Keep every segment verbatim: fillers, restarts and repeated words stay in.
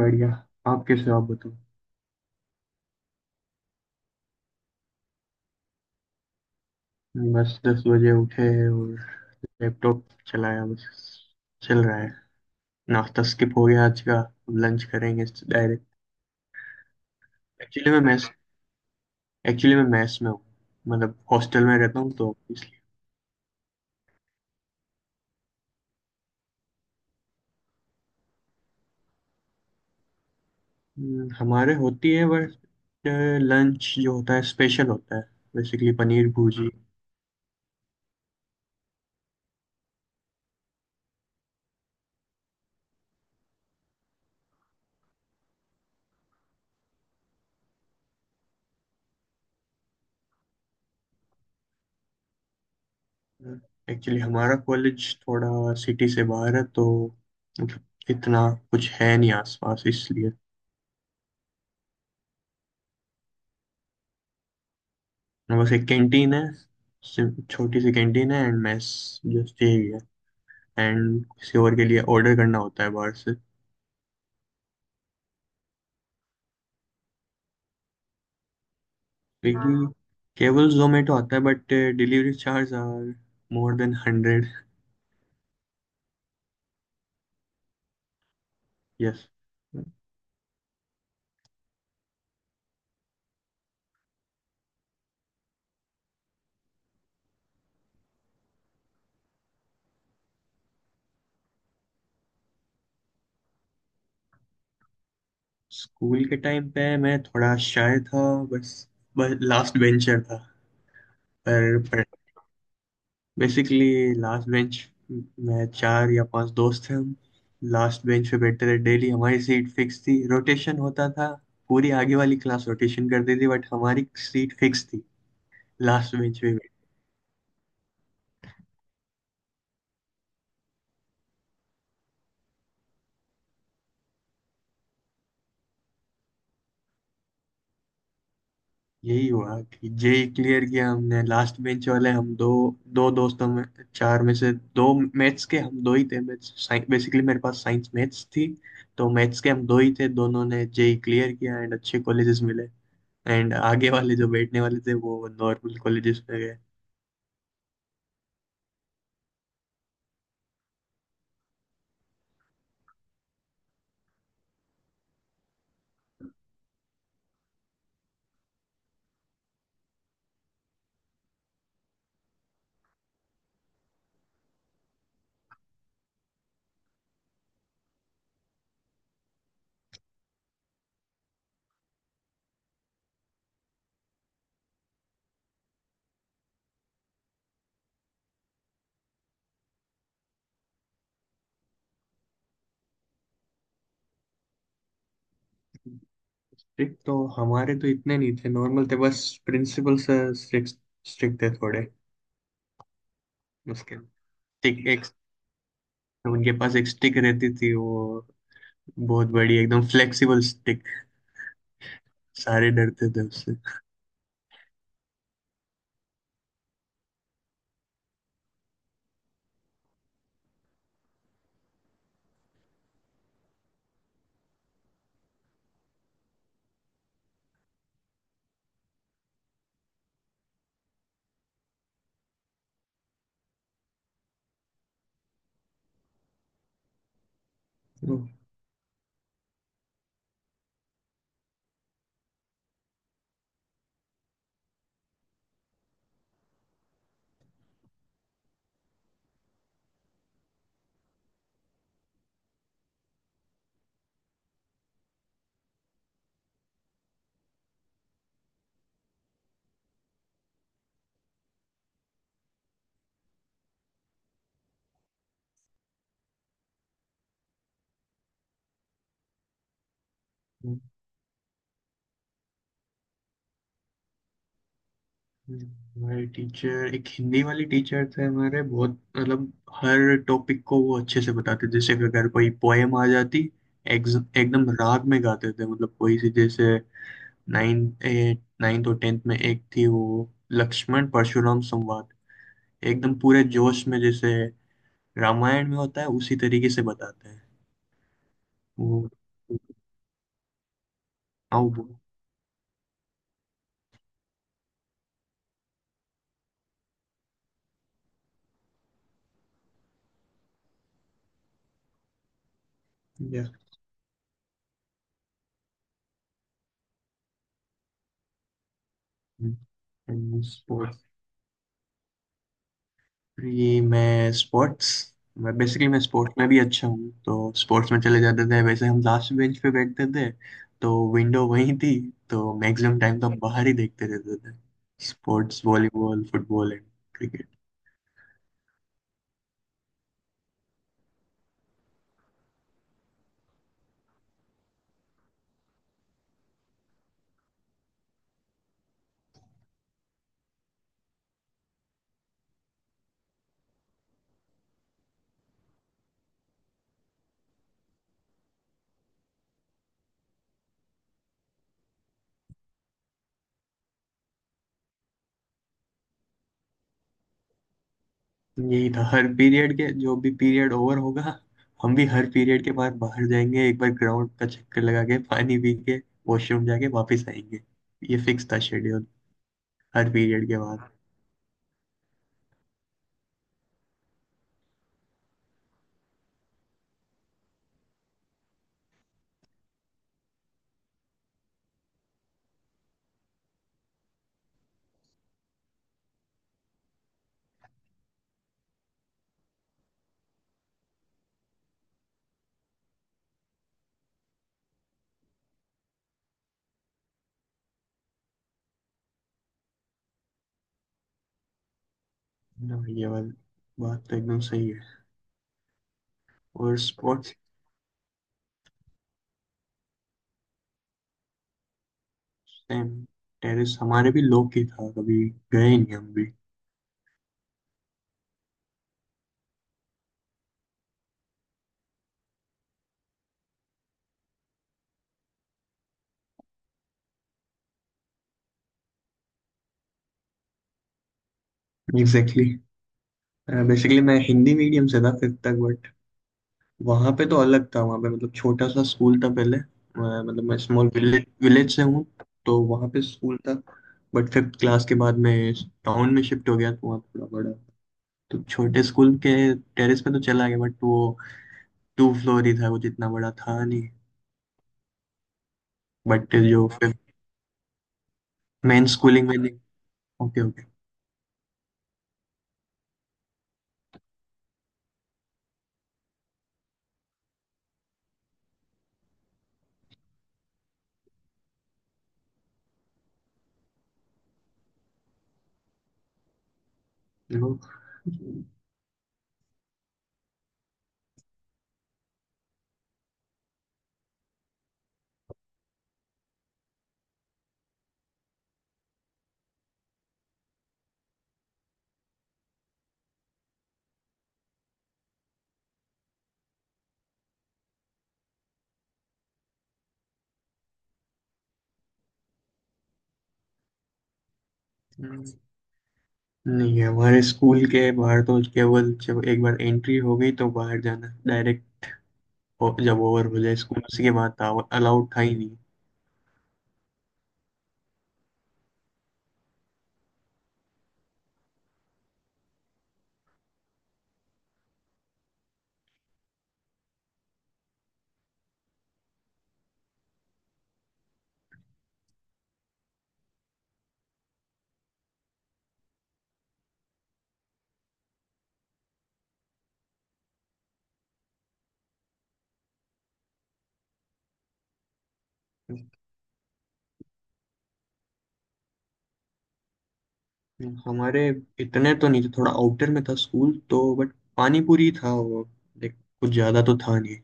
बढ़िया। आप कैसे हो? आप बताओ। बस दस बजे उठे और लैपटॉप चलाया। बस चल रहा है। नाश्ता स्किप हो गया आज का, अब लंच करेंगे डायरेक्ट। एक्चुअली मैं मैस एक्चुअली मैं मैस में हूँ। मतलब हॉस्टल में रहता हूँ तो इसलिए। हम्म, हमारे होती है। बस लंच जो होता है स्पेशल होता है, बेसिकली पनीर भुर्जी। एक्चुअली हमारा कॉलेज थोड़ा सिटी से बाहर है तो, मतलब इतना कुछ है नहीं आसपास इसलिए। बस एक कैंटीन है। सिम- छोटी सी कैंटीन है एंड मेस। जस्ट यही है। एंड किसी और के लिए ऑर्डर करना होता है बाहर से। स्विगी केवल जोमेटो आता है, but delivery charge are more than hundred. Yes. School के टाइम पे मैं थोड़ा शाय था। बस बस लास्ट बेंचर था। पर बेसिकली लास्ट बेंच में चार या पांच दोस्त थे हम। लास्ट बेंच पे बैठते थे डेली। हमारी सीट फिक्स थी, रोटेशन होता था। पूरी आगे वाली क्लास रोटेशन करती थी बट हमारी सीट फिक्स थी, लास्ट बेंच पे बैठ। यही हुआ कि जेई क्लियर किया हमने, लास्ट बेंच वाले हम दो, दो दोस्तों में, चार में से दो। मैथ्स के हम दो ही थे। मैथ्स बेसिकली मेरे पास साइंस मैथ्स थी। तो मैथ्स के हम दो ही थे, दोनों ने जेई क्लियर किया एंड अच्छे कॉलेजेस मिले। एंड आगे वाले जो बैठने वाले थे वो नॉर्मल कॉलेजेस में गए। स्ट्रिक्ट तो हमारे तो इतने नहीं थे, नॉर्मल थे। बस प्रिंसिपल सर स्ट्रिक्ट, स्ट्रिक्ट थे थोड़े। उसके स्टिक एक उनके पास एक स्टिक रहती थी, वो बहुत बड़ी एकदम फ्लेक्सिबल स्टिक। सारे डरते थे उससे। तो, हमारे टीचर एक हिंदी वाली टीचर थे हमारे, बहुत मतलब हर टॉपिक को वो अच्छे से बताते। जैसे कि अगर कोई पोएम आ जाती, एक, एकदम राग में गाते थे। मतलब कोई सी, जैसे नाइन्थ, एट नाइन्थ और टेंथ में एक थी वो, लक्ष्मण परशुराम संवाद। एकदम पूरे जोश में, जैसे रामायण में होता है उसी तरीके से बताते हैं। वो आओ। स्पोर्ट्स। ये मैं स्पोर्ट्स मैं बेसिकली मैं स्पोर्ट्स में भी अच्छा हूँ, तो स्पोर्ट्स में चले जाते थे। वैसे हम लास्ट बेंच पे बैठते थे तो विंडो वहीं थी, तो मैक्सिमम टाइम तो हम बाहर ही देखते रहते थे। Sports, volleyball, football and. यही था हर पीरियड के, जो भी पीरियड ओवर होगा। हम भी हर पीरियड के बाद बाहर जाएंगे, एक बार ग्राउंड का चक्कर लगा के, पानी पी के, वॉशरूम जाके वापस आएंगे। ये फिक्स था शेड्यूल, हर पीरियड के बाद। ना, ये वाली बात तो एकदम सही है। और स्पोर्ट्स। सेम। टेरिस हमारे भी लोग की था, कभी गए नहीं हम भी। एग्जैक्टली। बेसिकली मैं हिंदी मीडियम से था फिफ्थ तक। वहां पे तो अलग था, वहां पे मतलब छोटा सा स्कूल था पहले। मैं- मतलब मैं स्मॉल विलेज विलेज से हूँ। तो वहां पे स्कूल था। बट फिफ्थ क्लास के बाद मैं टाउन में शिफ्ट हो गया, तो वहाँ थोड़ा बड़ा। तो छोटे स्कूल के टेरेस पे तो चला गया, बट वो टू फ्लोर ही था, वो जितना बड़ा था नहीं। बट जो फिफ्थ, मेन स्कूलिंग में नहीं। Okay okay. नहीं है हमारे स्कूल के बाहर तो। केवल जब एक बार एंट्री हो गई तो बाहर जाना डायरेक्ट जब ओवर हो जाए स्कूल उसी के बाद था, अलाउड था ही। हमारे इतने तो नहीं थे, थोड़ा आउटर में था स्कूल तो। बट पानी पूरी था वो, देख कुछ ज्यादा तो था नहीं।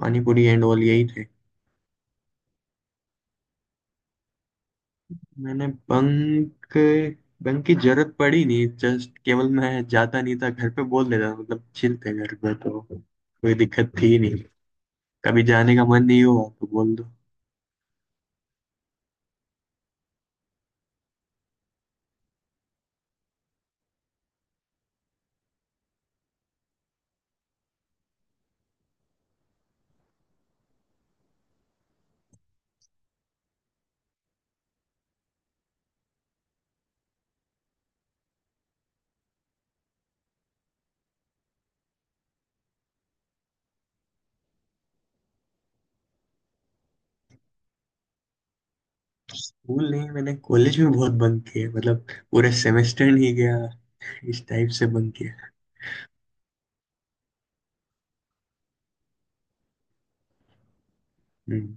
पानी पूरी एंड ऑल यही थे। मैंने बंक बंक की जरूरत पड़ी नहीं। जस्ट केवल मैं जाता नहीं था, घर पे बोल देता था, मतलब चिल थे घर पे तो कोई दिक्कत थी नहीं। कभी जाने का मन नहीं हुआ तो बोल दो। स्कूल नहीं, मैंने कॉलेज में बहुत बंक किया। मतलब पूरे सेमेस्टर नहीं गया, इस टाइप से बंक किया। हम्म।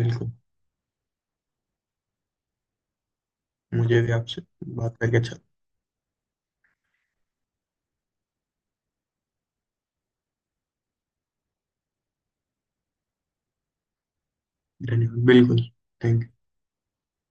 बिल्कुल। मुझे भी आपसे बात करके अच्छा। धन्यवाद। बिल्कुल। Thank you.